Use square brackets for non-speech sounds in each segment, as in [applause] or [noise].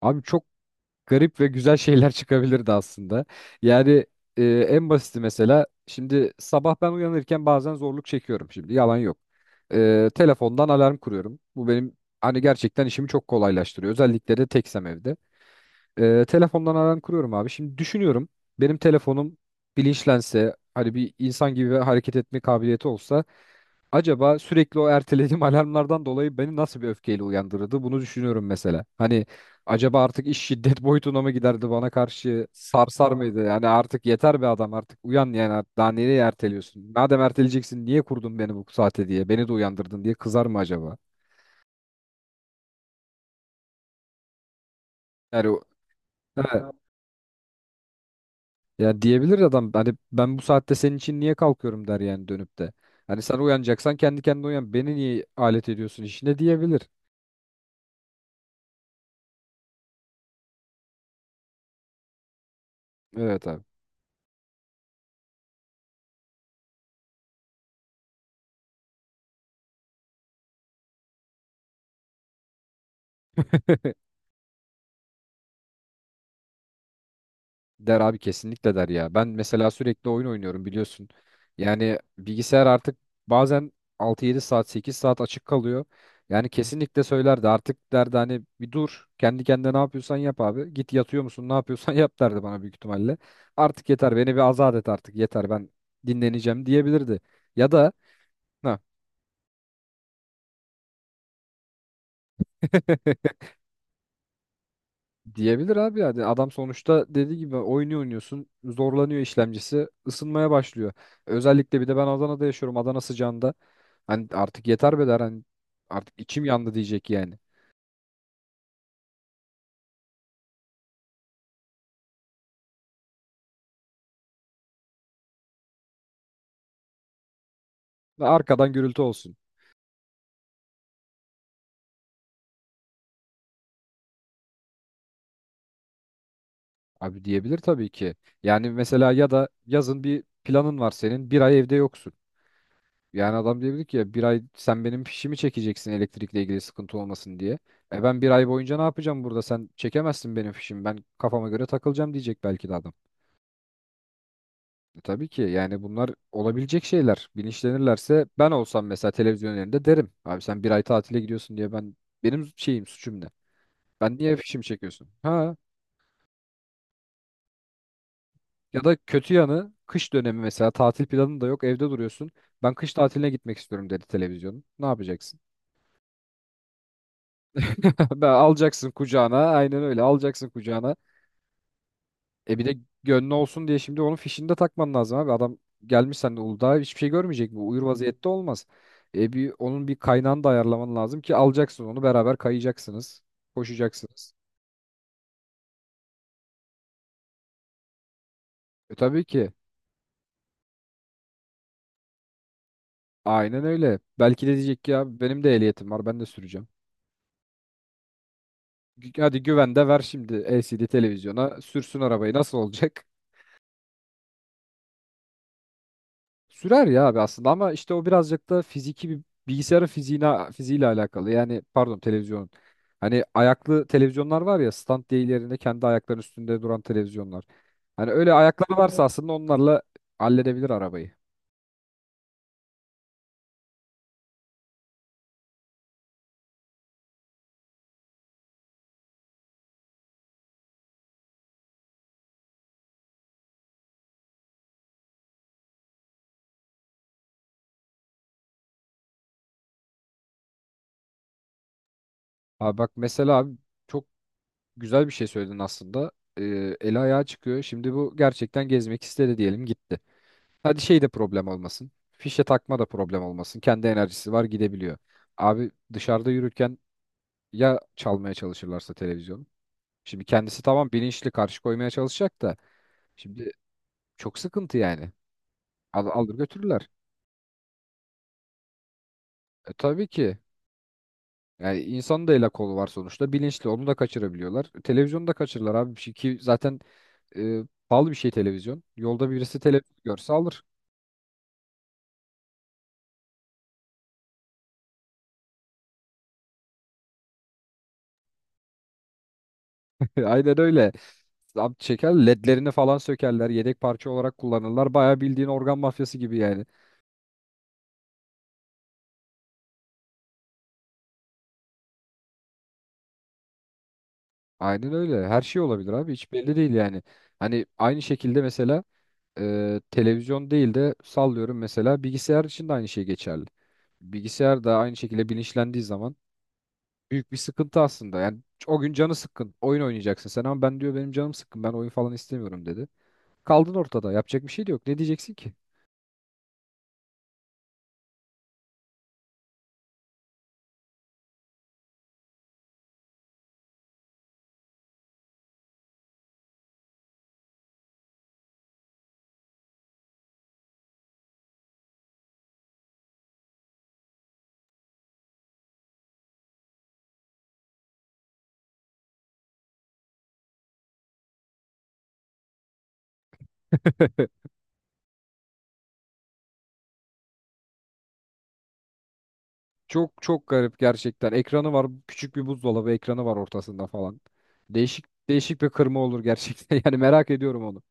Abi çok garip ve güzel şeyler [laughs] çıkabilirdi aslında. Yani e, en basiti mesela şimdi sabah ben uyanırken bazen zorluk çekiyorum, şimdi yalan yok. Telefondan alarm kuruyorum. Bu benim hani gerçekten işimi çok kolaylaştırıyor, özellikle de teksem evde. Telefondan alarm kuruyorum abi. Şimdi düşünüyorum, benim telefonum bilinçlense, hani bir insan gibi hareket etme kabiliyeti olsa, acaba sürekli o ertelediğim [laughs] alarmlardan dolayı beni nasıl bir öfkeyle uyandırırdı? Bunu düşünüyorum mesela. Hani acaba artık iş şiddet [laughs] boyutuna mı giderdi, bana karşı sarsar mıydı? Yani artık yeter be adam, artık uyan yani, artık daha nereye erteliyorsun? Madem erteleyeceksin niye kurdun beni bu saate diye, beni de uyandırdın diye kızar mı acaba? Yani o- he, ya diyebilir adam, hani ben bu saatte senin için niye kalkıyorum der yani, dönüp de. Hani sen uyanacaksan kendi kendine uyan. Beni niye alet ediyorsun işine diyebilir. Evet abi. [laughs] Der abi, kesinlikle der ya. Ben mesela sürekli oyun oynuyorum, biliyorsun. Yani bilgisayar artık bazen altı yedi saat, 8 saat açık kalıyor. Yani kesinlikle söylerdi artık, derdi hani bir dur kendi kendine, ne yapıyorsan yap abi. Git yatıyor musun, ne yapıyorsan [laughs] yap derdi bana büyük ihtimalle. Artık yeter beni bir azat et artık, yeter ben dinleneceğim diyebilirdi. Ya da ha. [laughs] Diyebilir abi, yani adam sonuçta dediği gibi oyunu oynuyorsun, zorlanıyor işlemcisi, ısınmaya başlıyor. Özellikle bir de ben Adana'da yaşıyorum, Adana sıcağında hani artık yeter be der, hani artık içim yandı diyecek yani. Ve arkadan gürültü olsun abi, diyebilir tabii ki. Yani mesela, ya da yazın bir planın var senin, bir ay evde yoksun. Yani adam diyebilir ki ya, bir ay sen benim fişimi çekeceksin elektrikle ilgili sıkıntı olmasın diye. E ben bir ay boyunca ne yapacağım burada, sen çekemezsin benim fişimi, ben kafama göre takılacağım diyecek belki de adam. E tabii ki, yani bunlar olabilecek şeyler. Bilinçlenirlerse, ben olsam mesela televizyon önlerinde derim. Abi sen bir ay tatile gidiyorsun diye ben, benim şeyim, suçum ne? Ben niye fişimi çekiyorsun? Ha, ya da kötü yanı, kış dönemi mesela tatil planın da yok, evde duruyorsun. Ben kış tatiline gitmek istiyorum dedi televizyonun. Ne yapacaksın? [laughs] Ben alacaksın kucağına, aynen öyle alacaksın kucağına. E bir de gönlü olsun diye şimdi onun fişini de takman lazım abi. Adam gelmiş sen de Uludağ'a, hiçbir şey görmeyecek mi? Uyur vaziyette olmaz. E bir onun bir kaynağını da ayarlaman lazım ki, alacaksın onu beraber kayacaksınız. Koşacaksınız. E tabii ki. Aynen öyle. Belki de diyecek ki ya benim de ehliyetim var, ben de süreceğim. Hadi güven de ver şimdi, LCD televizyona sürsün arabayı, nasıl olacak? Sürer ya abi aslında, ama işte o birazcık da fiziki bir, bilgisayarın fiziğine, fiziğiyle alakalı. Yani pardon, televizyonun. Hani ayaklı televizyonlar var ya, stand değil, yerinde kendi ayakların üstünde duran televizyonlar. Hani öyle ayakları varsa aslında onlarla halledebilir arabayı. Abi bak mesela abi, çok güzel bir şey söyledin aslında. Ee, eli ayağa çıkıyor. Şimdi bu gerçekten gezmek istedi diyelim, gitti. Hadi şey de problem olmasın. Fişe takma da problem olmasın. Kendi enerjisi var, gidebiliyor. Abi dışarıda yürürken ya çalmaya çalışırlarsa televizyonu. Şimdi kendisi tamam, bilinçli karşı koymaya çalışacak da, şimdi çok sıkıntı yani. Alır götürürler. Tabii ki. Yani insanın da el kolu var sonuçta. Bilinçli onu da kaçırabiliyorlar. Televizyonu da kaçırırlar abi. Bir şey ki zaten e, pahalı bir şey televizyon. Yolda birisi televizyon görse alır. [laughs] Aynen öyle. Zam çeker, ledlerini falan sökerler. Yedek parça olarak kullanırlar. Bayağı bildiğin organ mafyası gibi yani. Aynen öyle. Her şey olabilir abi. Hiç belli değil yani. Hani aynı şekilde mesela televizyon değil de, sallıyorum mesela, bilgisayar için de aynı şey geçerli. Bilgisayar da aynı şekilde bilinçlendiği zaman büyük bir sıkıntı aslında. Yani o gün canı sıkkın. Oyun oynayacaksın sen, ama ben diyor benim canım sıkkın. Ben oyun falan istemiyorum dedi. Kaldın ortada. Yapacak bir şey de yok. Ne diyeceksin ki? [laughs] Çok çok garip gerçekten. Ekranı var. Küçük bir buzdolabı ekranı var ortasında falan. Değişik değişik bir kırma olur gerçekten. [laughs] Yani merak ediyorum onu.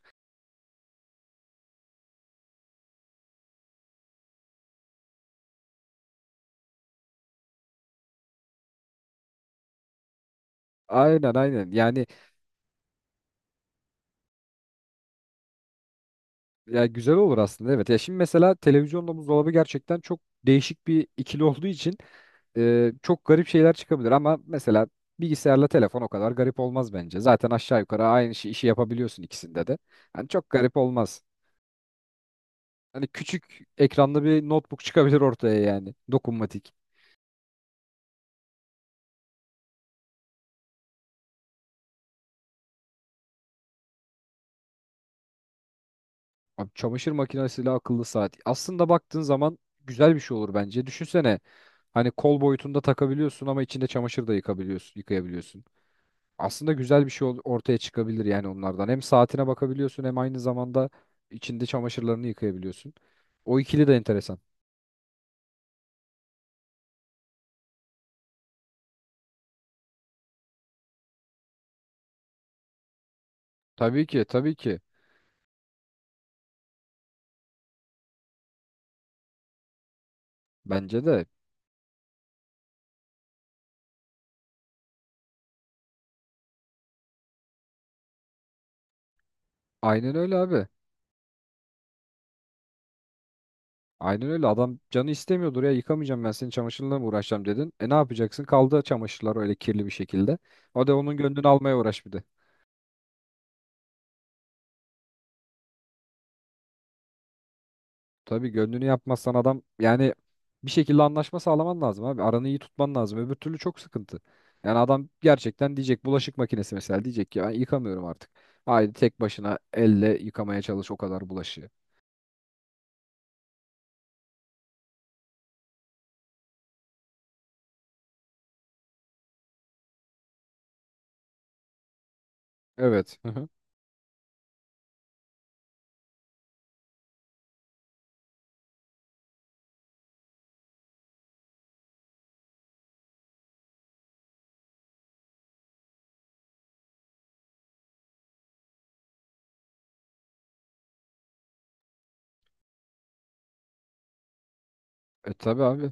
Aynen aynen. Yani, ya güzel olur aslında, evet. Ya şimdi mesela televizyonla buzdolabı gerçekten çok değişik bir ikili olduğu için, çok garip şeyler çıkabilir ama mesela bilgisayarla telefon o kadar garip olmaz bence. Zaten aşağı yukarı aynı işi yapabiliyorsun ikisinde de. Hani çok garip olmaz. Hani küçük ekranlı bir notebook çıkabilir ortaya yani. Dokunmatik. Abi çamaşır makinesiyle akıllı saat. Aslında baktığın zaman güzel bir şey olur bence. Düşünsene, hani kol boyutunda takabiliyorsun ama içinde çamaşır da yıkayabiliyorsun. Aslında güzel bir şey ortaya çıkabilir yani onlardan. Hem saatine bakabiliyorsun hem aynı zamanda içinde çamaşırlarını yıkayabiliyorsun. O ikili de enteresan. Tabii ki, tabii ki. Bence de. Aynen öyle abi. Aynen öyle. Adam canı istemiyordur ya, yıkamayacağım, ben senin çamaşırınla mı uğraşacağım dedin. E ne yapacaksın? Kaldı çamaşırlar öyle kirli bir şekilde. O da onun gönlünü almaya uğraş bir de. Tabii gönlünü yapmazsan adam, yani bir şekilde anlaşma sağlaman lazım abi. Aranı iyi tutman lazım. Öbür türlü çok sıkıntı. Yani adam gerçekten diyecek, bulaşık makinesi mesela diyecek ki ben yıkamıyorum artık. Haydi tek başına elle yıkamaya çalış o kadar bulaşığı. Evet. Hı hı. E tabii abi.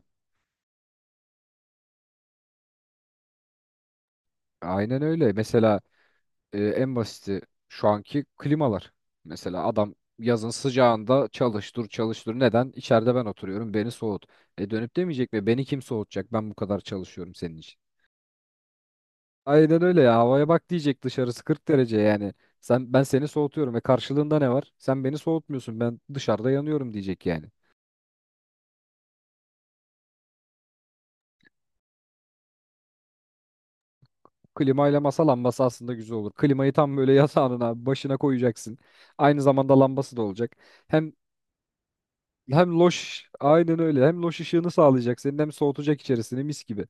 Aynen öyle. Mesela en basiti şu anki klimalar. Mesela adam yazın sıcağında çalıştır çalıştır. Neden? İçeride ben oturuyorum. Beni soğut. E dönüp demeyecek mi? Beni kim soğutacak? Ben bu kadar çalışıyorum senin için. Aynen öyle ya. Havaya bak diyecek, dışarısı 40 derece yani. Sen, ben seni soğutuyorum ve karşılığında ne var? Sen beni soğutmuyorsun. Ben dışarıda yanıyorum diyecek yani. Klimayla masa lambası aslında güzel olur. Klimayı tam böyle [laughs] yatağının abi başına koyacaksın. Aynı zamanda lambası da olacak. Hem hem loş, aynen öyle. Hem loş ışığını sağlayacak senin, hem soğutacak içerisini mis gibi.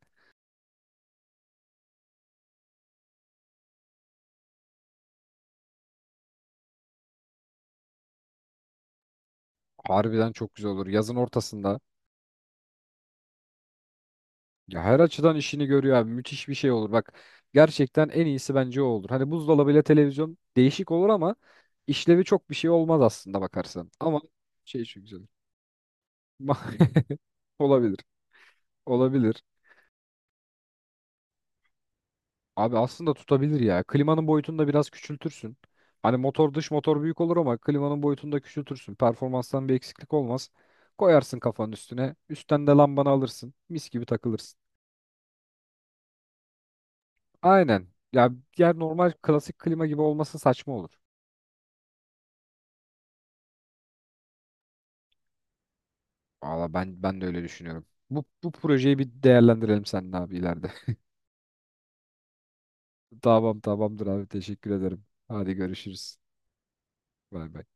Harbiden çok güzel olur, yazın ortasında. Ya her açıdan işini görüyor abi. Müthiş bir şey olur. Bak gerçekten en iyisi bence o olur. Hani buzdolabıyla televizyon değişik olur ama işlevi çok bir şey olmaz aslında bakarsan. Ama şey çok güzel. [laughs] Olabilir. Olabilir. Abi aslında tutabilir ya. Klimanın boyutunu da biraz küçültürsün. Hani motor, dış motor büyük olur ama klimanın boyutunu da küçültürsün. Performanstan bir eksiklik olmaz. Koyarsın kafanın üstüne. Üstten de lambanı alırsın. Mis gibi takılırsın. Aynen. Ya diğer normal klasik klima gibi olması saçma olur. Valla ben, ben de öyle düşünüyorum. Bu projeyi bir değerlendirelim seninle abi ileride. [laughs] Tamam, tamamdır abi, teşekkür ederim. Hadi görüşürüz. Bay bay.